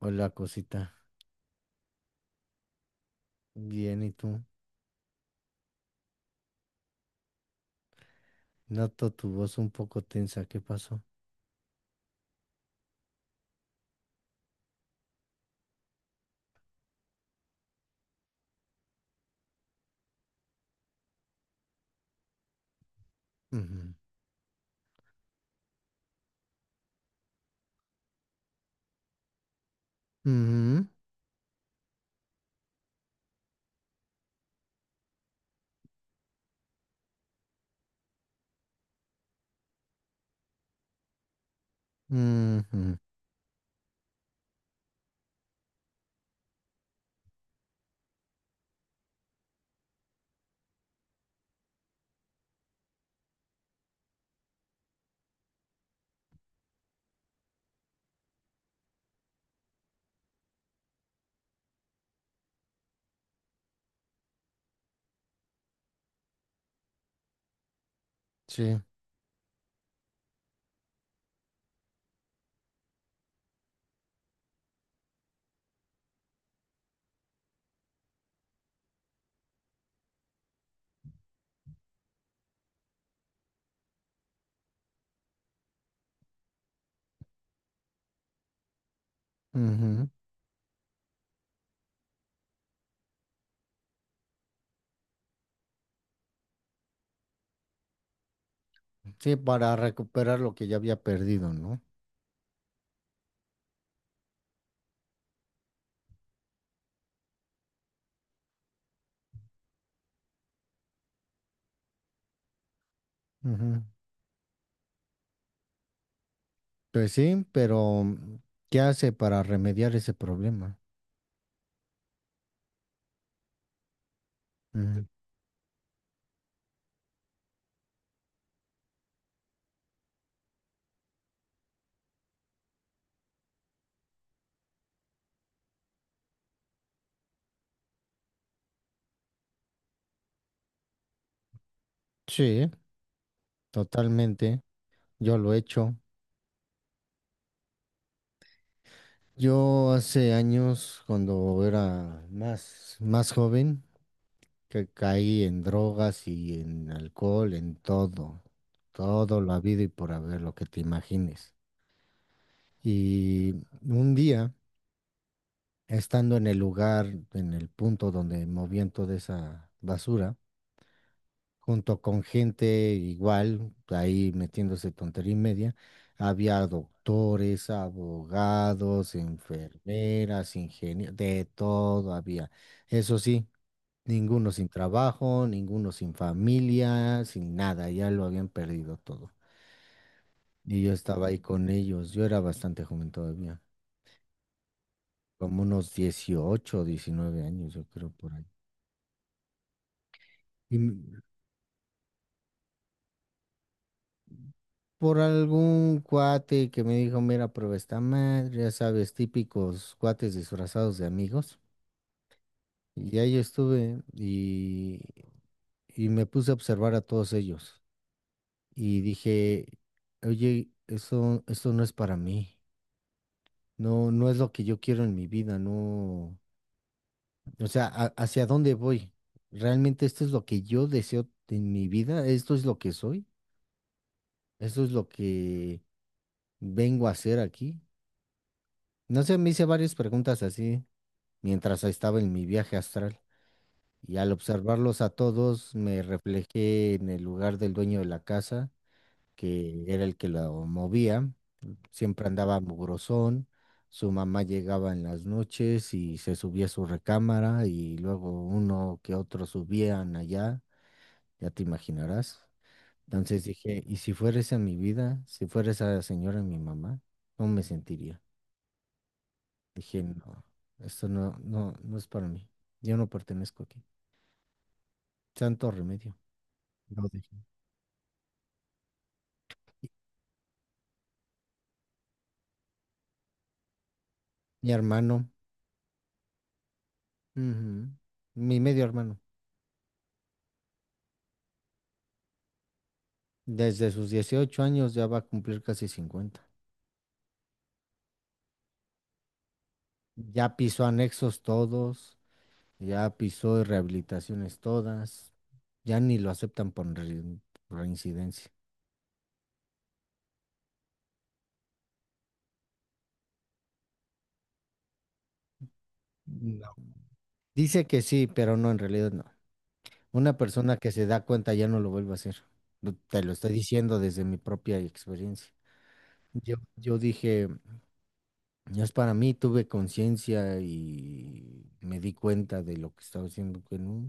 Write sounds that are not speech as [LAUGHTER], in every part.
Hola, cosita. Bien, ¿y tú? Noto tu voz un poco tensa. ¿Qué pasó? Ujú, ujú, ujú, sí, ujú. Sí, para recuperar lo que ya había perdido, ¿no? Ujú. Pues sí, pero ¿qué hace para remediar ese problema? Ujú. Sí, totalmente. Yo lo he hecho. Yo hace años, cuando era más joven, que caí en drogas y en alcohol, en todo, todo lo habido y por haber, lo que te imagines. Y un día, estando en el lugar, en el punto donde movían toda esa basura, junto con gente igual, ahí metiéndose tontería y media, había doctores, abogados, enfermeras, ingenieros, de todo había. Eso sí. Ninguno sin trabajo, ninguno sin familia, sin nada, ya lo habían perdido todo. Y yo estaba ahí con ellos, yo era bastante joven todavía, como unos 18 19 años, yo creo, por ahí. Y m- por algún cuate que me dijo, mira, prueba esta madre, ya sabes, típicos cuates disfrazados de amigos. Y ahí estuve y me puse a observar a todos ellos. Y dije, oye, eso no es para mí. No, no es lo que yo quiero en mi vida, no. O sea, ¿hacia dónde voy? ¿Realmente esto es lo que yo deseo en mi vida? ¿Esto es lo que soy? ¿Esto es lo que vengo a hacer aquí? No sé, me hice varias preguntas así mientras estaba en mi viaje astral y al observarlos a todos me reflejé en el lugar del dueño de la casa, que era el que lo movía. Siempre andaba mugrosón, su mamá llegaba en las noches y se subía a su recámara y luego uno que otro subían allá, ya te imaginarás. Entonces dije, ¿y si fuera esa mi vida? Si fuera esa señora mi mamá, ¿cómo me sentiría? Dije, no, esto no, no, no es para mí. Yo no pertenezco aquí. Santo remedio. Lo dejé. Y Mi hermano, ujú, mi medio hermano, desde sus 18 años ya va a cumplir casi 50. Ya pisó anexos todos, ya pisó rehabilitaciones todas, ya ni lo aceptan por reincidencia. No. Dice que sí, pero no, en realidad no. Una persona que se da cuenta ya no lo vuelve a hacer. Te lo estoy diciendo desde mi propia experiencia. Yo dije, ya es para mí, tuve conciencia y me di cuenta de lo que estaba haciendo que no.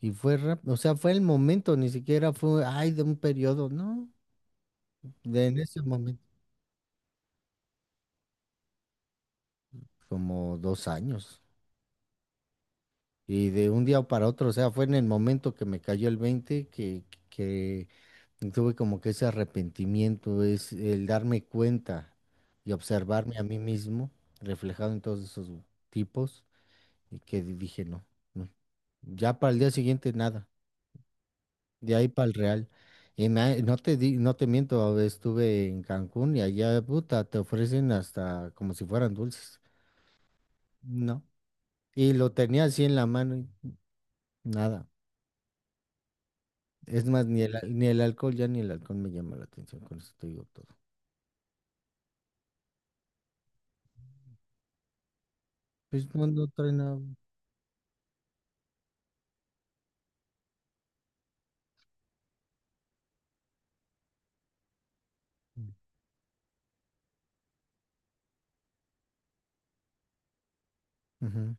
Y fue rápido, o sea, fue el momento, ni siquiera fue, ay, de un periodo, no, de en ese momento. Como 2 años. Y de un día para otro, o sea, fue en el momento que me cayó el veinte, que tuve como que ese arrepentimiento, es el darme cuenta y observarme a mí mismo reflejado en todos esos tipos y que dije, no, no. Ya para el día siguiente nada, de ahí para el Real. Y no te miento, estuve en Cancún y allá, puta, te ofrecen hasta como si fueran dulces. No. Y lo tenía así en la mano y nada. Es más, ni el alcohol, ya ni el alcohol me llama la atención, con eso te digo todo. Pues no, no trae nada. Ujú,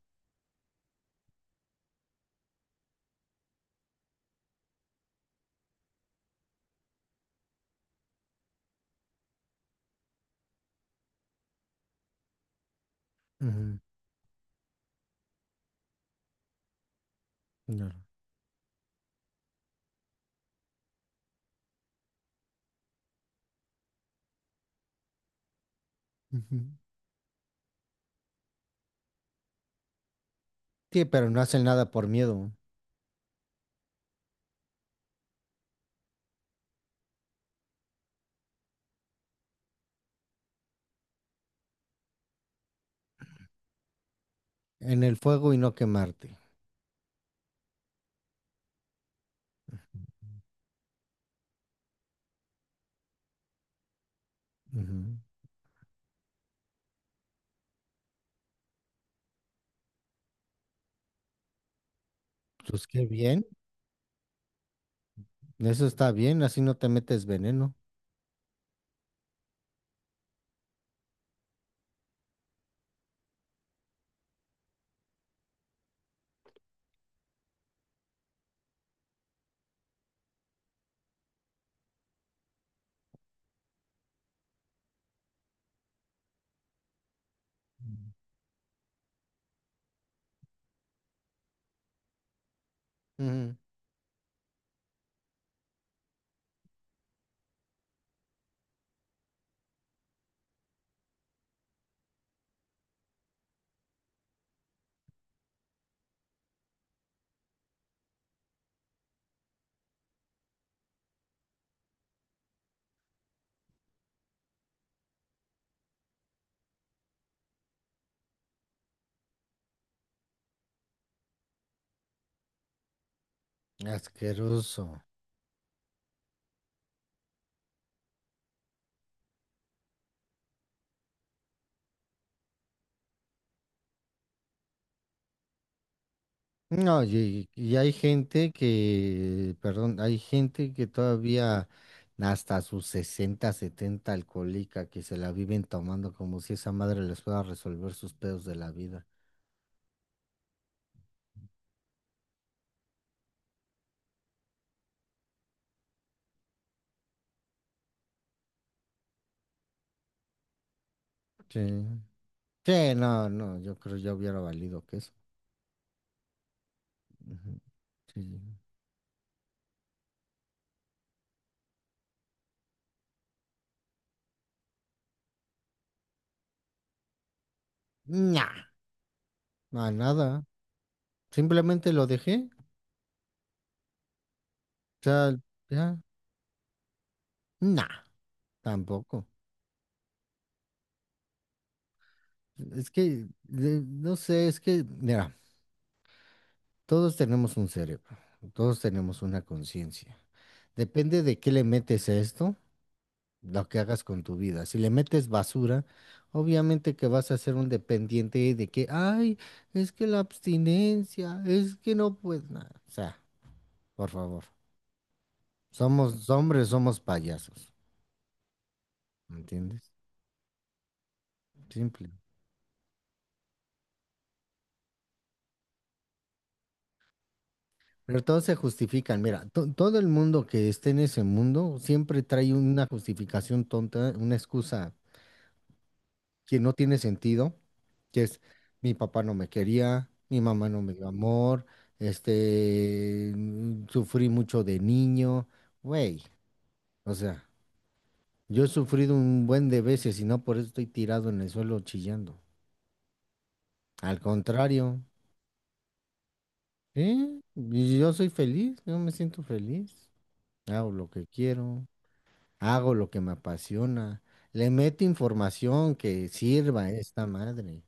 ujú, no, ujú. Sí, pero no hacen nada por miedo. En el fuego y no quemarte. Ujú. Pues qué bien, eso está bien, así no te metes veneno. Ujú. Asqueroso. No, y hay gente que, perdón, hay gente que todavía hasta sus 60 70 alcohólica que se la viven tomando como si esa madre les pueda resolver sus pedos de la vida. Sí. Sí, no, no, yo creo ya hubiera valido que eso. Ujú. Sí. Nah, no, nada. Simplemente lo dejé. O sea, ya, nah, tampoco. Es que, no sé, es que, mira. Todos tenemos un cerebro, todos tenemos una conciencia. Depende de qué le metes a esto, lo que hagas con tu vida. Si le metes basura, obviamente que vas a ser un dependiente de que, ay, es que la abstinencia, es que no puedes nada. O sea, por favor, somos hombres, somos payasos, ¿me ¿entiendes? Simple. Pero todos se justifican. Mira, todo el mundo que esté en ese mundo siempre trae una justificación tonta, una excusa que no tiene sentido, que es mi papá no me quería, mi mamá no me dio amor, este, sufrí mucho de niño, güey, o sea, yo he sufrido un buen de veces y no por eso estoy tirado en el suelo chillando. Al contrario, ¿eh? Y yo soy feliz, yo me siento feliz, hago lo que quiero, hago lo que me apasiona, le meto información que sirva a esta madre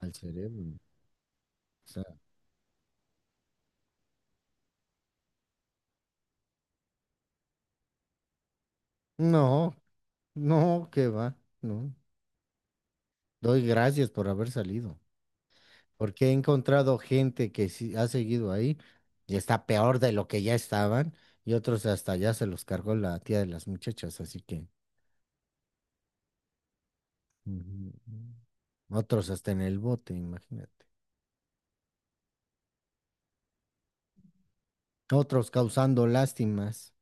al cerebro. O sea, no, no, qué va, no. Doy gracias por haber salido, porque he encontrado gente que sí ha seguido ahí y está peor de lo que ya estaban, y otros hasta ya se los cargó la tía de las muchachas, así que ujú, otros hasta en el bote, imagínate. Otros causando lástimas.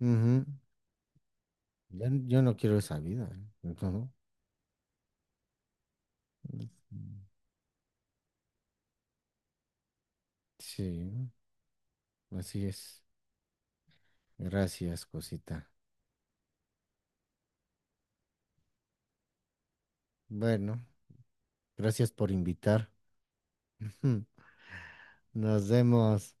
Ujú. Ya yo no quiero esa vida, ¿eh? No, no. Sí, así es. Gracias, cosita. Bueno, gracias por invitar. [LAUGHS] Nos vemos.